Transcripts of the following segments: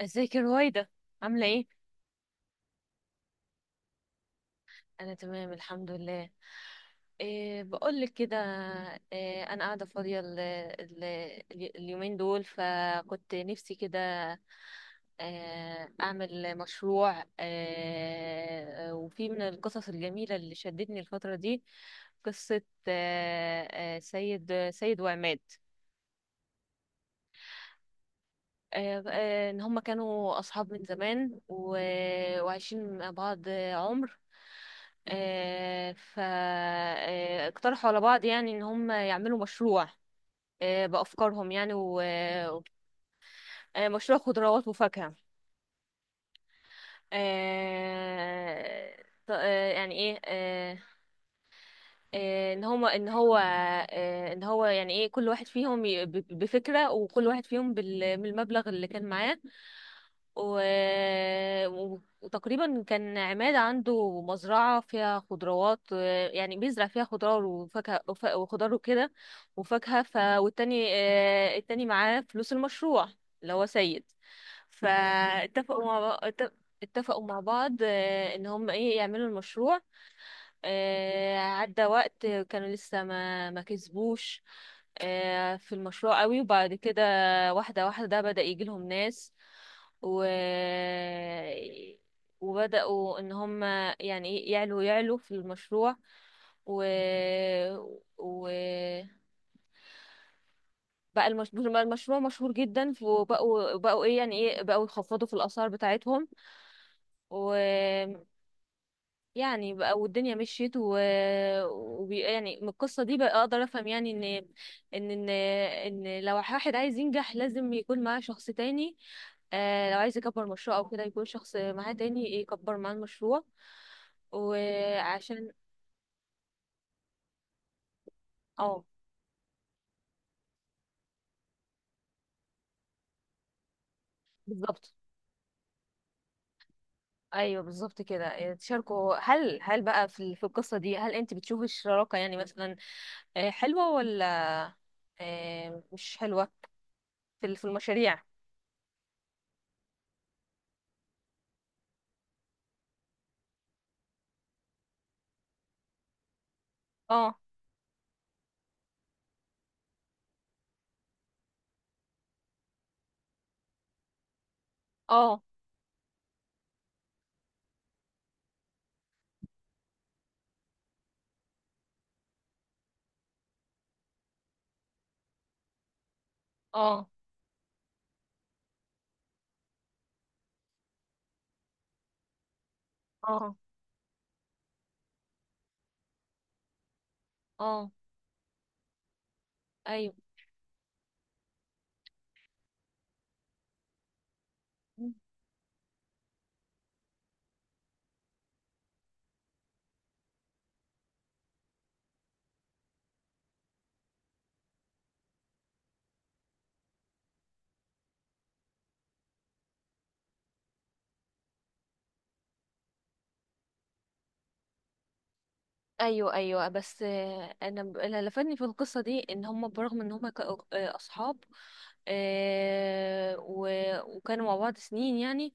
ازيك يا رويدة، عاملة ايه؟ انا تمام الحمد لله. إيه بقول لك كده. إيه، انا قاعدة فاضية اليومين دول، فكنت نفسي كده اعمل مشروع. وفي من القصص الجميلة اللي شدتني الفترة دي قصة. آه، سيد وعماد. ان هم كانوا اصحاب من زمان، وعايشين مع بعض عمر. آه، ف آه، اقترحوا على بعض يعني ان هم يعملوا مشروع بافكارهم يعني. و- مشروع خضروات وفاكهة. آه، يعني ايه. ان هو. ان هو يعني ايه، كل واحد فيهم بفكرة، وكل واحد فيهم بالمبلغ اللي كان معاه. و... وتقريبا كان عماد عنده مزرعة فيها خضروات، يعني بيزرع فيها خضار وفاكهة وخضار وكده وفاكهة. والتاني التاني معاه فلوس المشروع، اللي هو سيد. فاتفقوا مع بع- اتفقوا مع بعض ان هم ايه يعملوا المشروع. عدى وقت كانوا لسه ما كسبوش في المشروع قوي. وبعد كده واحدة واحدة بدأ يجي لهم ناس، و وبدأوا ان هم يعني ايه يعلوا في المشروع. و و بقى المشروع مشهور جدا، وبقوا ايه يعني ايه بقوا يخفضوا في الاسعار بتاعتهم. يعني بقى، والدنيا مشيت. يعني من القصة دي بقى اقدر افهم يعني ان ان ان لو واحد عايز ينجح، لازم يكون معاه شخص تاني. آه، لو عايز يكبر مشروع او كده يكون شخص معاه تاني يكبر معاه المشروع، وعشان. اه، بالظبط. ايوه، بالظبط كده تشاركوا. هل هل بقى في القصة دي، هل انت بتشوفي الشراكة يعني مثلا حلوة، ولا مش حلوة في المشاريع؟ اه، اه، اه، اه، اه، ايوه، ايوه، ايوه. بس انا، اللي لفتني في القصه دي، ان هم برغم ان هم كانوا اصحاب، وكانوا مع بعض سنين يعني،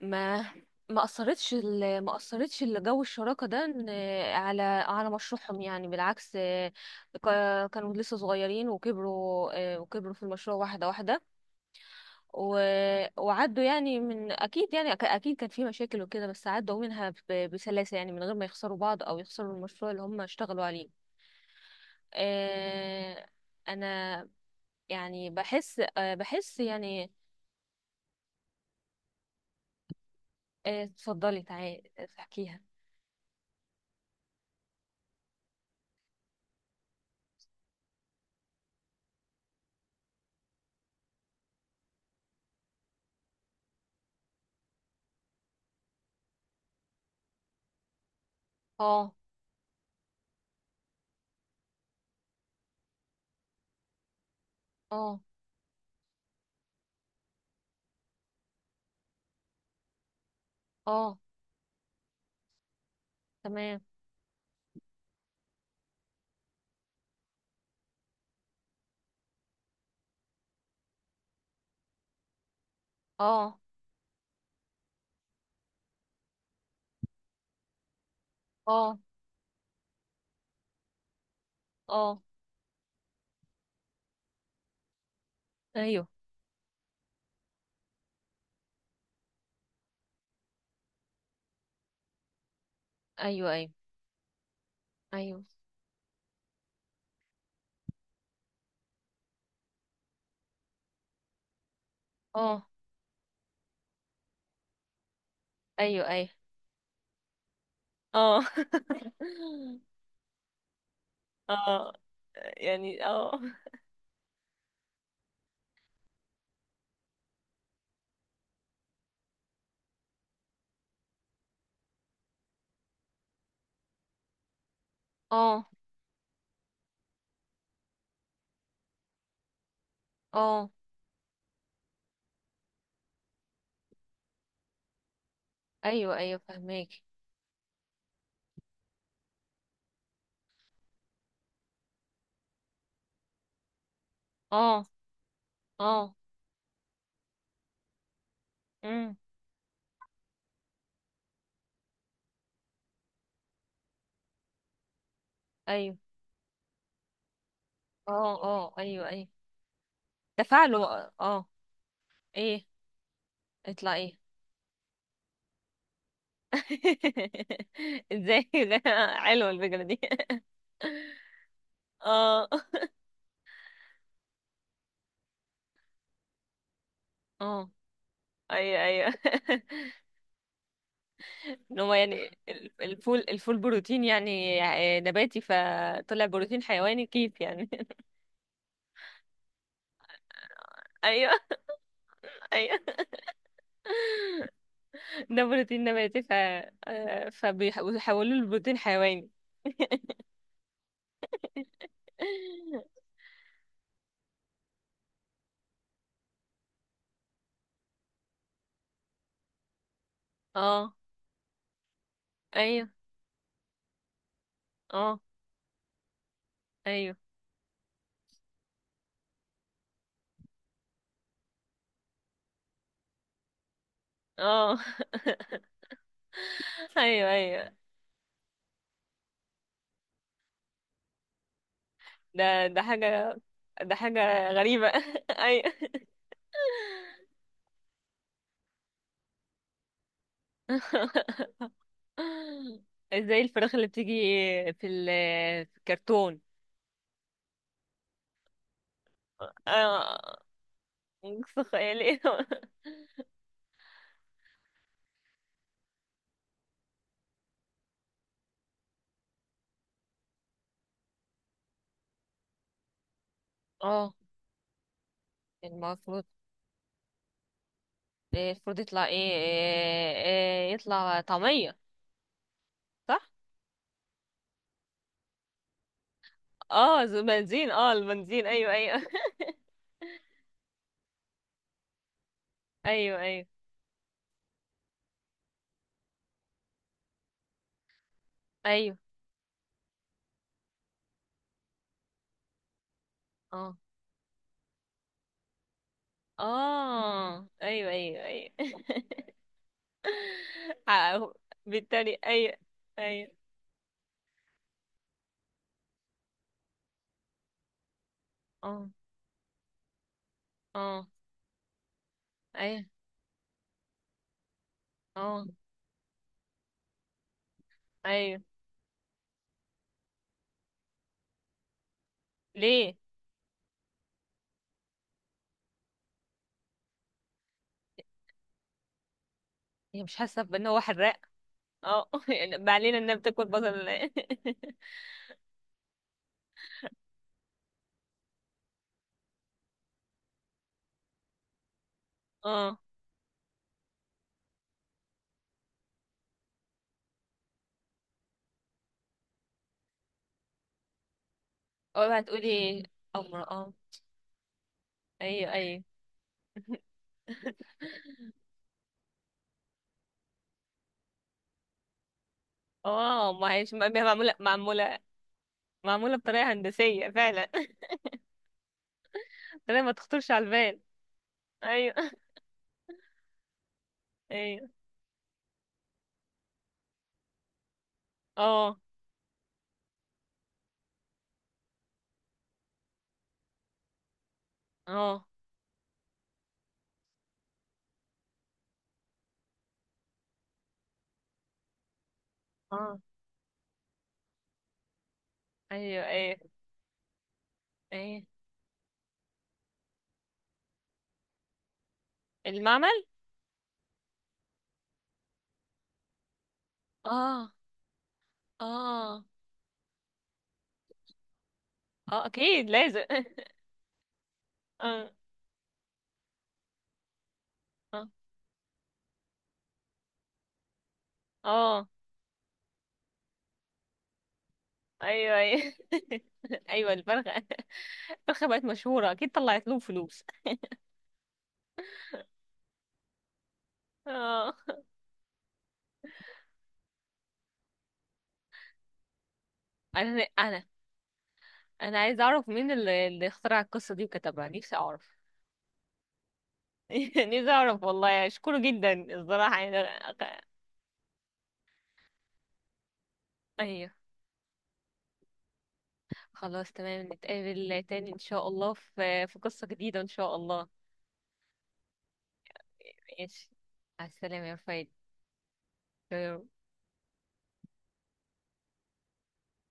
ما ما اثرتش الجو الشراكه ده على مشروعهم. يعني بالعكس كانوا لسه صغيرين وكبروا، وكبروا في المشروع واحده واحده. و... وعدوا يعني، من اكيد يعني اكيد كان في مشاكل وكده، بس عدوا منها بسلاسة يعني، من غير ما يخسروا بعض او يخسروا المشروع اللي هم اشتغلوا عليه. آه... انا يعني بحس بحس يعني. اتفضلي تعالي احكيها. اه، اه، اه، تمام. اه، اه، اه، ايوه، ايوه، ايوه، ايوه. اه، ايوه، ايوه. اه. اه، يعني اه. اه، اه، ايوه، ايوه فهماكي. اه، اه، امم، ايوه، اه، اه، ايوه، ايوه تفاعله. اه، ايه؟ اطلع ايه؟ ازاي؟ لا، حلوه الفكره دي. اه، اه، ايوه، ايوه. ان هو يعني الفول بروتين يعني نباتي، فطلع بروتين حيواني، كيف يعني؟ ايوه، ايوه. ده بروتين نباتي، ف فبيحولوا له بروتين حيواني. اه، ايوه، اه، ايوه، اه. ايوه، ايوه. ده ده حاجة، ده حاجة غريبة. ايوه. ازاي الفراخ اللي بتيجي في الكرتون؟ اه، نقص خيالي. اه. المفروض المفروض يطلع ايه، إيه، إيه يطلع طعمية. صح. اه، بنزين، اه، البنزين، ايوه، ايوه. ايوه، ايوه، ايوه، اه، اه، ايوه، ايوه، ايوه. ع- بالتالي اي، اي، اه، اه، اي، اه، ايوه. ليه؟ هي مش حاسه بان هو حراق؟ اه. يعني ما علينا، انها بتاكل بصل ولا إيه؟ اه، اول هتقولي ايه؟ امر، اه. ايوه، ايوه. اه، ما هيش معموله معموله بطريقه هندسيه فعلا. طريقه ما تخطرش على البال. ايوه. ايوه. اه، اه، اه، ايوه، ايوه، ايوه المعمل. اه، اه، اه، اكيد لازم. اه، اه، اه، ايوه، ايوه. ايوه، الفرخه. الفرخه بقت مشهوره، اكيد طلعت لهم فلوس. اه. انا انا انا عايزه اعرف مين اللي اخترع القصه دي وكتبها، نفسي اعرف. نفسي اعرف والله، اشكره جدا. الصراحه يعني ايوه. خلاص، تمام، نتقابل تاني ان شاء الله في قصه جديده ان شاء الله. ماشي. على السلامه يا رفايد.